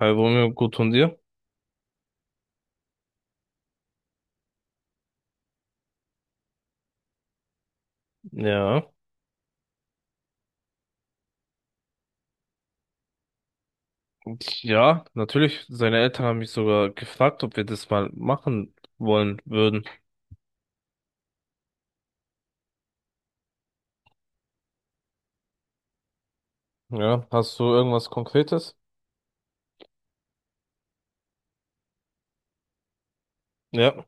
Hallo Romeo, gut und dir? Ja. Und ja, natürlich. Seine Eltern haben mich sogar gefragt, ob wir das mal machen wollen würden. Ja, hast du irgendwas Konkretes? Ja.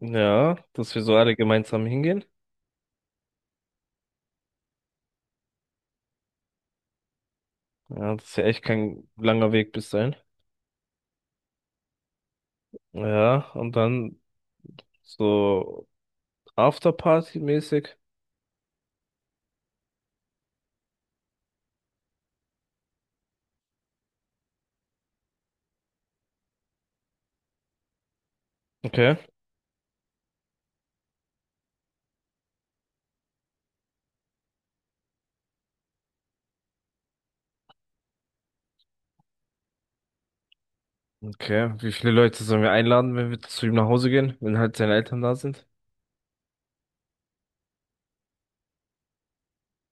Ja, dass wir so alle gemeinsam hingehen. Ja, das ist ja echt kein langer Weg bis dahin. Ja, und dann so Afterparty-mäßig. Okay. Okay. Wie viele Leute sollen wir einladen, wenn wir zu ihm nach Hause gehen, wenn halt seine Eltern da sind?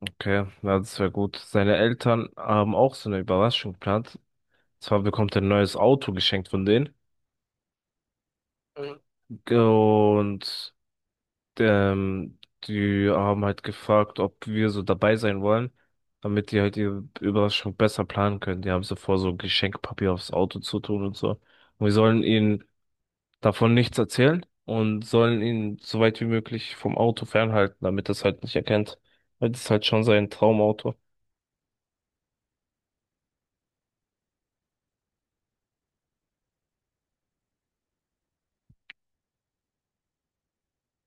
Okay, ja, das wäre gut. Seine Eltern haben auch so eine Überraschung geplant. Zwar bekommt er ein neues Auto geschenkt von denen. Und ähm, die haben halt gefragt, ob wir so dabei sein wollen, damit die halt ihre Überraschung besser planen können. Die haben so vor, so Geschenkpapier aufs Auto zu tun und so. Und wir sollen ihnen davon nichts erzählen und sollen ihn so weit wie möglich vom Auto fernhalten, damit das halt nicht erkennt. Weil das ist halt schon sein Traumauto.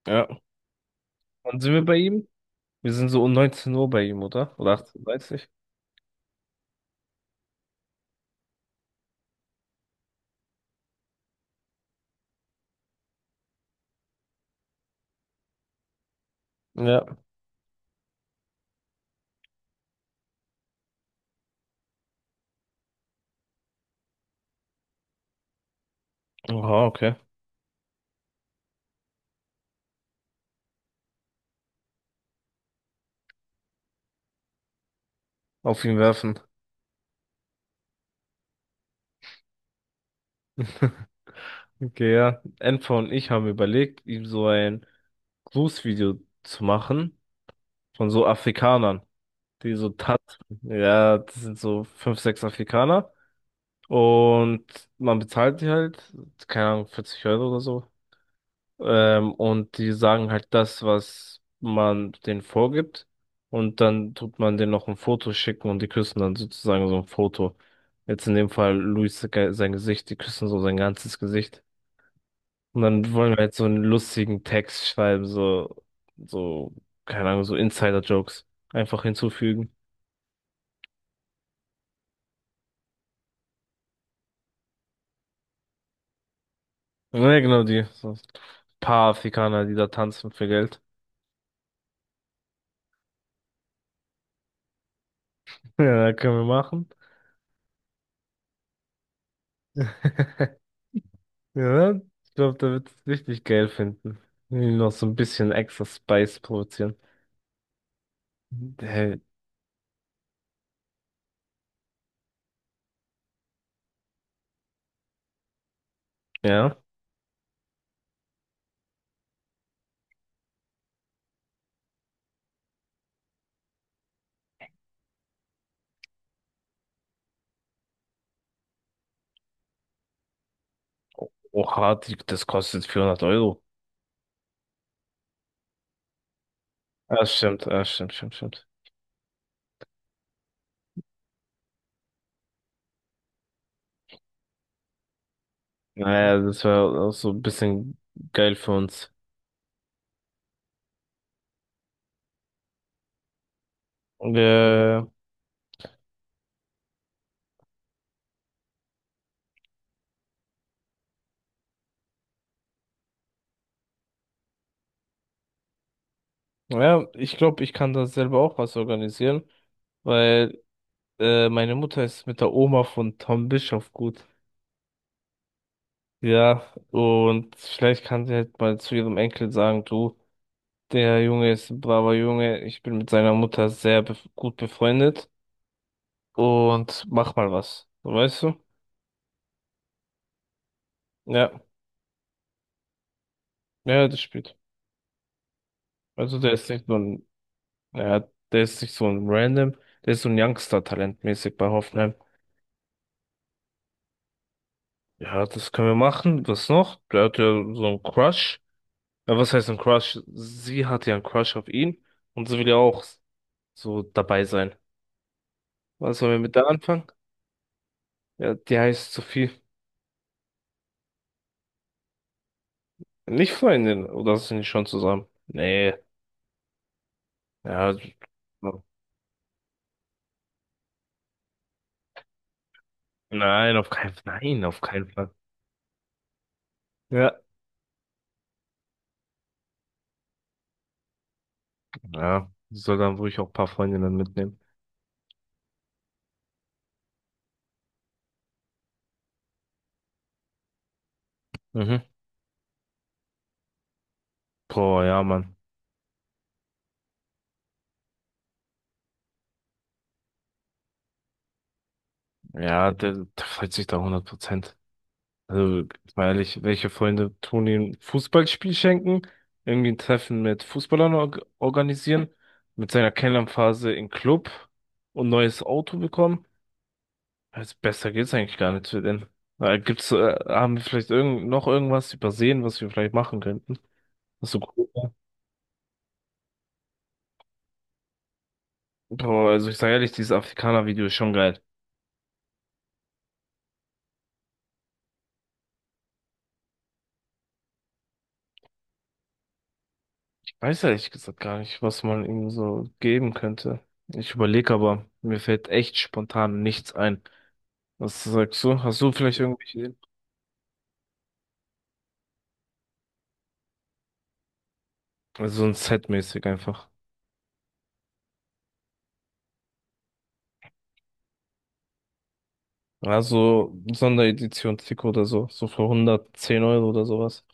Ja. Wann sind wir bei ihm? Wir sind so um 19 Uhr bei ihm, oder? Oder 18:30 Uhr? Dreißig? Ja. Aha, okay. Auf ihn werfen. Okay, ja. Enfer und ich haben überlegt, ihm so ein Grußvideo zu machen von so Afrikanern, die so tanzen. Ja, das sind so fünf, sechs Afrikaner. Und man bezahlt die halt, keine Ahnung, 40 Euro oder so. Und die sagen halt das, was man denen vorgibt. Und dann tut man denen noch ein Foto schicken und die küssen dann sozusagen so ein Foto. Jetzt in dem Fall Luis sein Gesicht, die küssen so sein ganzes Gesicht. Und dann wollen wir jetzt so einen lustigen Text schreiben, so, so, keine Ahnung, so Insider-Jokes einfach hinzufügen. Ja, genau die. So ein paar Afrikaner, die da tanzen für Geld. Ja, können wir machen. Ja, ich glaube, da wird es richtig geil finden. Noch so ein bisschen extra Spice produzieren. Hey, ja. Oha, das kostet 400 Euro. Ah, stimmt, ah, stimmt, stimmt, stimmt. Naja, das wäre auch so ein bisschen geil für uns. Ja. Ja, ich glaube, ich kann da selber auch was organisieren, weil meine Mutter ist mit der Oma von Tom Bischof gut. Ja, und vielleicht kann sie halt mal zu ihrem Enkel sagen, du, der Junge ist ein braver Junge, ich bin mit seiner Mutter sehr bef gut befreundet und mach mal was. So, weißt du? Ja, ja, das spielt. Also der ist nicht nur ein, ja, der ist nicht so ein Random, der ist so ein Youngster-Talent mäßig bei Hoffenheim. Ja, das können wir machen. Was noch? Der hat ja so einen Crush. Ja, was heißt ein Crush? Sie hatte ja einen Crush auf ihn und sie will ja auch so dabei sein. Was sollen wir mit der anfangen? Ja, die heißt Sophie. Nicht Freundin, oder sind die schon zusammen? Nee, ja, nein, auf keinen Fall, nein, auf keinen Fall. Ja, ja, sie soll dann ruhig auch ein paar Freundinnen mitnehmen. Mhm. Boah, ja, Mann. Ja, der freut sich da 100%. Also, weil welche Freunde tun ihm ein Fußballspiel schenken, irgendwie ein Treffen mit Fußballern organisieren, mit seiner Kennenlernphase im Club und neues Auto bekommen. Also besser geht's eigentlich gar nicht für den. Haben wir vielleicht irgend noch irgendwas übersehen, was wir vielleicht machen könnten? Was so cool wäre? Boah, also ich sage ehrlich, dieses Afrikaner-Video ist schon geil. Ich weiß ehrlich gesagt gar nicht, was man ihm so geben könnte. Ich überlege aber, mir fällt echt spontan nichts ein. Was sagst du? Hast du vielleicht irgendwelche Ideen? Also so ein Set-mäßig einfach. Also Sonderedition-Trikot oder so. So für 110 Euro oder sowas.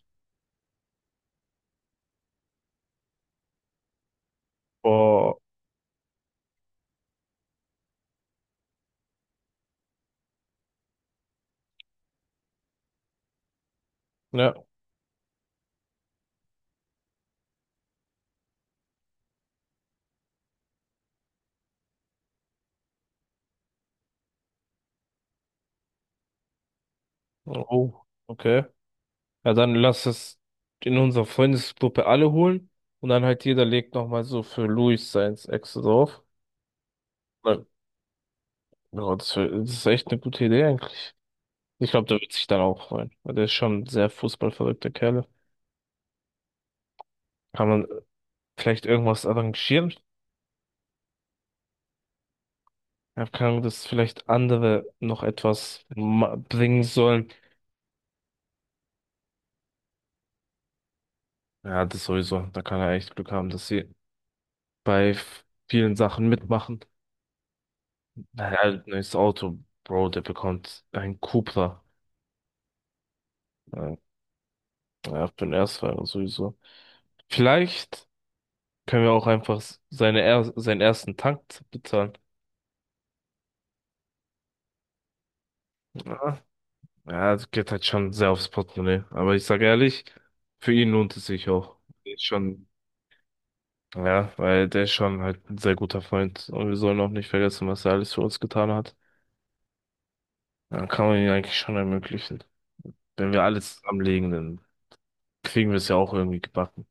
Boah. Ja. Oh, okay. Ja, dann lass es in unserer Freundesgruppe alle holen. Und dann halt jeder legt nochmal so für Luis seins extra drauf. Ja, ja, das ist echt eine gute Idee eigentlich. Ich glaube, der wird sich dann auch freuen. Weil der ist schon ein sehr fußballverrückter Kerl. Kann man vielleicht irgendwas arrangieren? Ja, keine Ahnung, dass vielleicht andere noch etwas bringen sollen. Ja, das sowieso. Da kann er echt Glück haben, dass sie bei vielen Sachen mitmachen. Naja, neues Auto, Bro, der bekommt ein Cupra. Ja, ja, für den Erstfahrer sowieso. Vielleicht können wir auch einfach seinen ersten Tank bezahlen. Ja, ja, das geht halt schon sehr aufs Portemonnaie. Aber ich sage ehrlich, für ihn lohnt es sich auch. Ist schon ja, weil der ist schon halt ein sehr guter Freund und wir sollen auch nicht vergessen, was er alles für uns getan hat. Dann kann man ihn eigentlich schon ermöglichen. Wenn wir alles zusammenlegen, dann kriegen wir es ja auch irgendwie gebacken.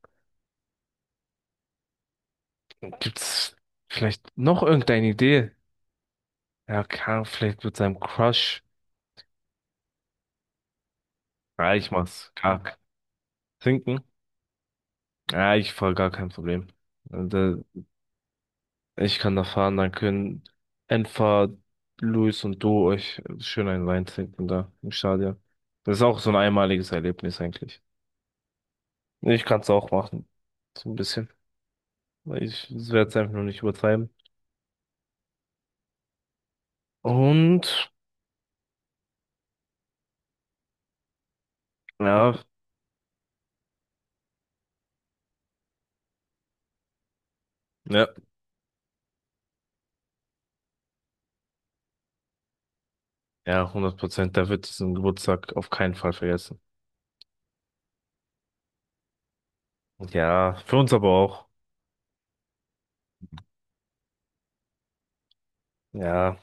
Gibt's vielleicht noch irgendeine Idee? Ja, kann vielleicht mit seinem Crush. Ja, ich mach's. Kack. Trinken? Ja, ich voll gar kein Problem. Und, ich kann da fahren, dann können Enfer, Luis und du euch schön einen Wein trinken da im Stadion. Das ist auch so ein einmaliges Erlebnis eigentlich. Nee, ich kann es auch machen. So ein bisschen. Weil ich werde es einfach nur nicht übertreiben. Und ja, ja, ja, 100%. Da wird diesen Geburtstag auf keinen Fall vergessen. Ja, für uns aber auch. Ja.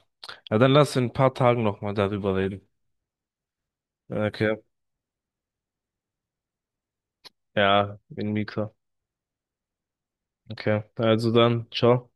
Ja, dann lass in ein paar Tagen nochmal darüber reden. Okay. Ja, in Mika. Okay. Also dann, ciao.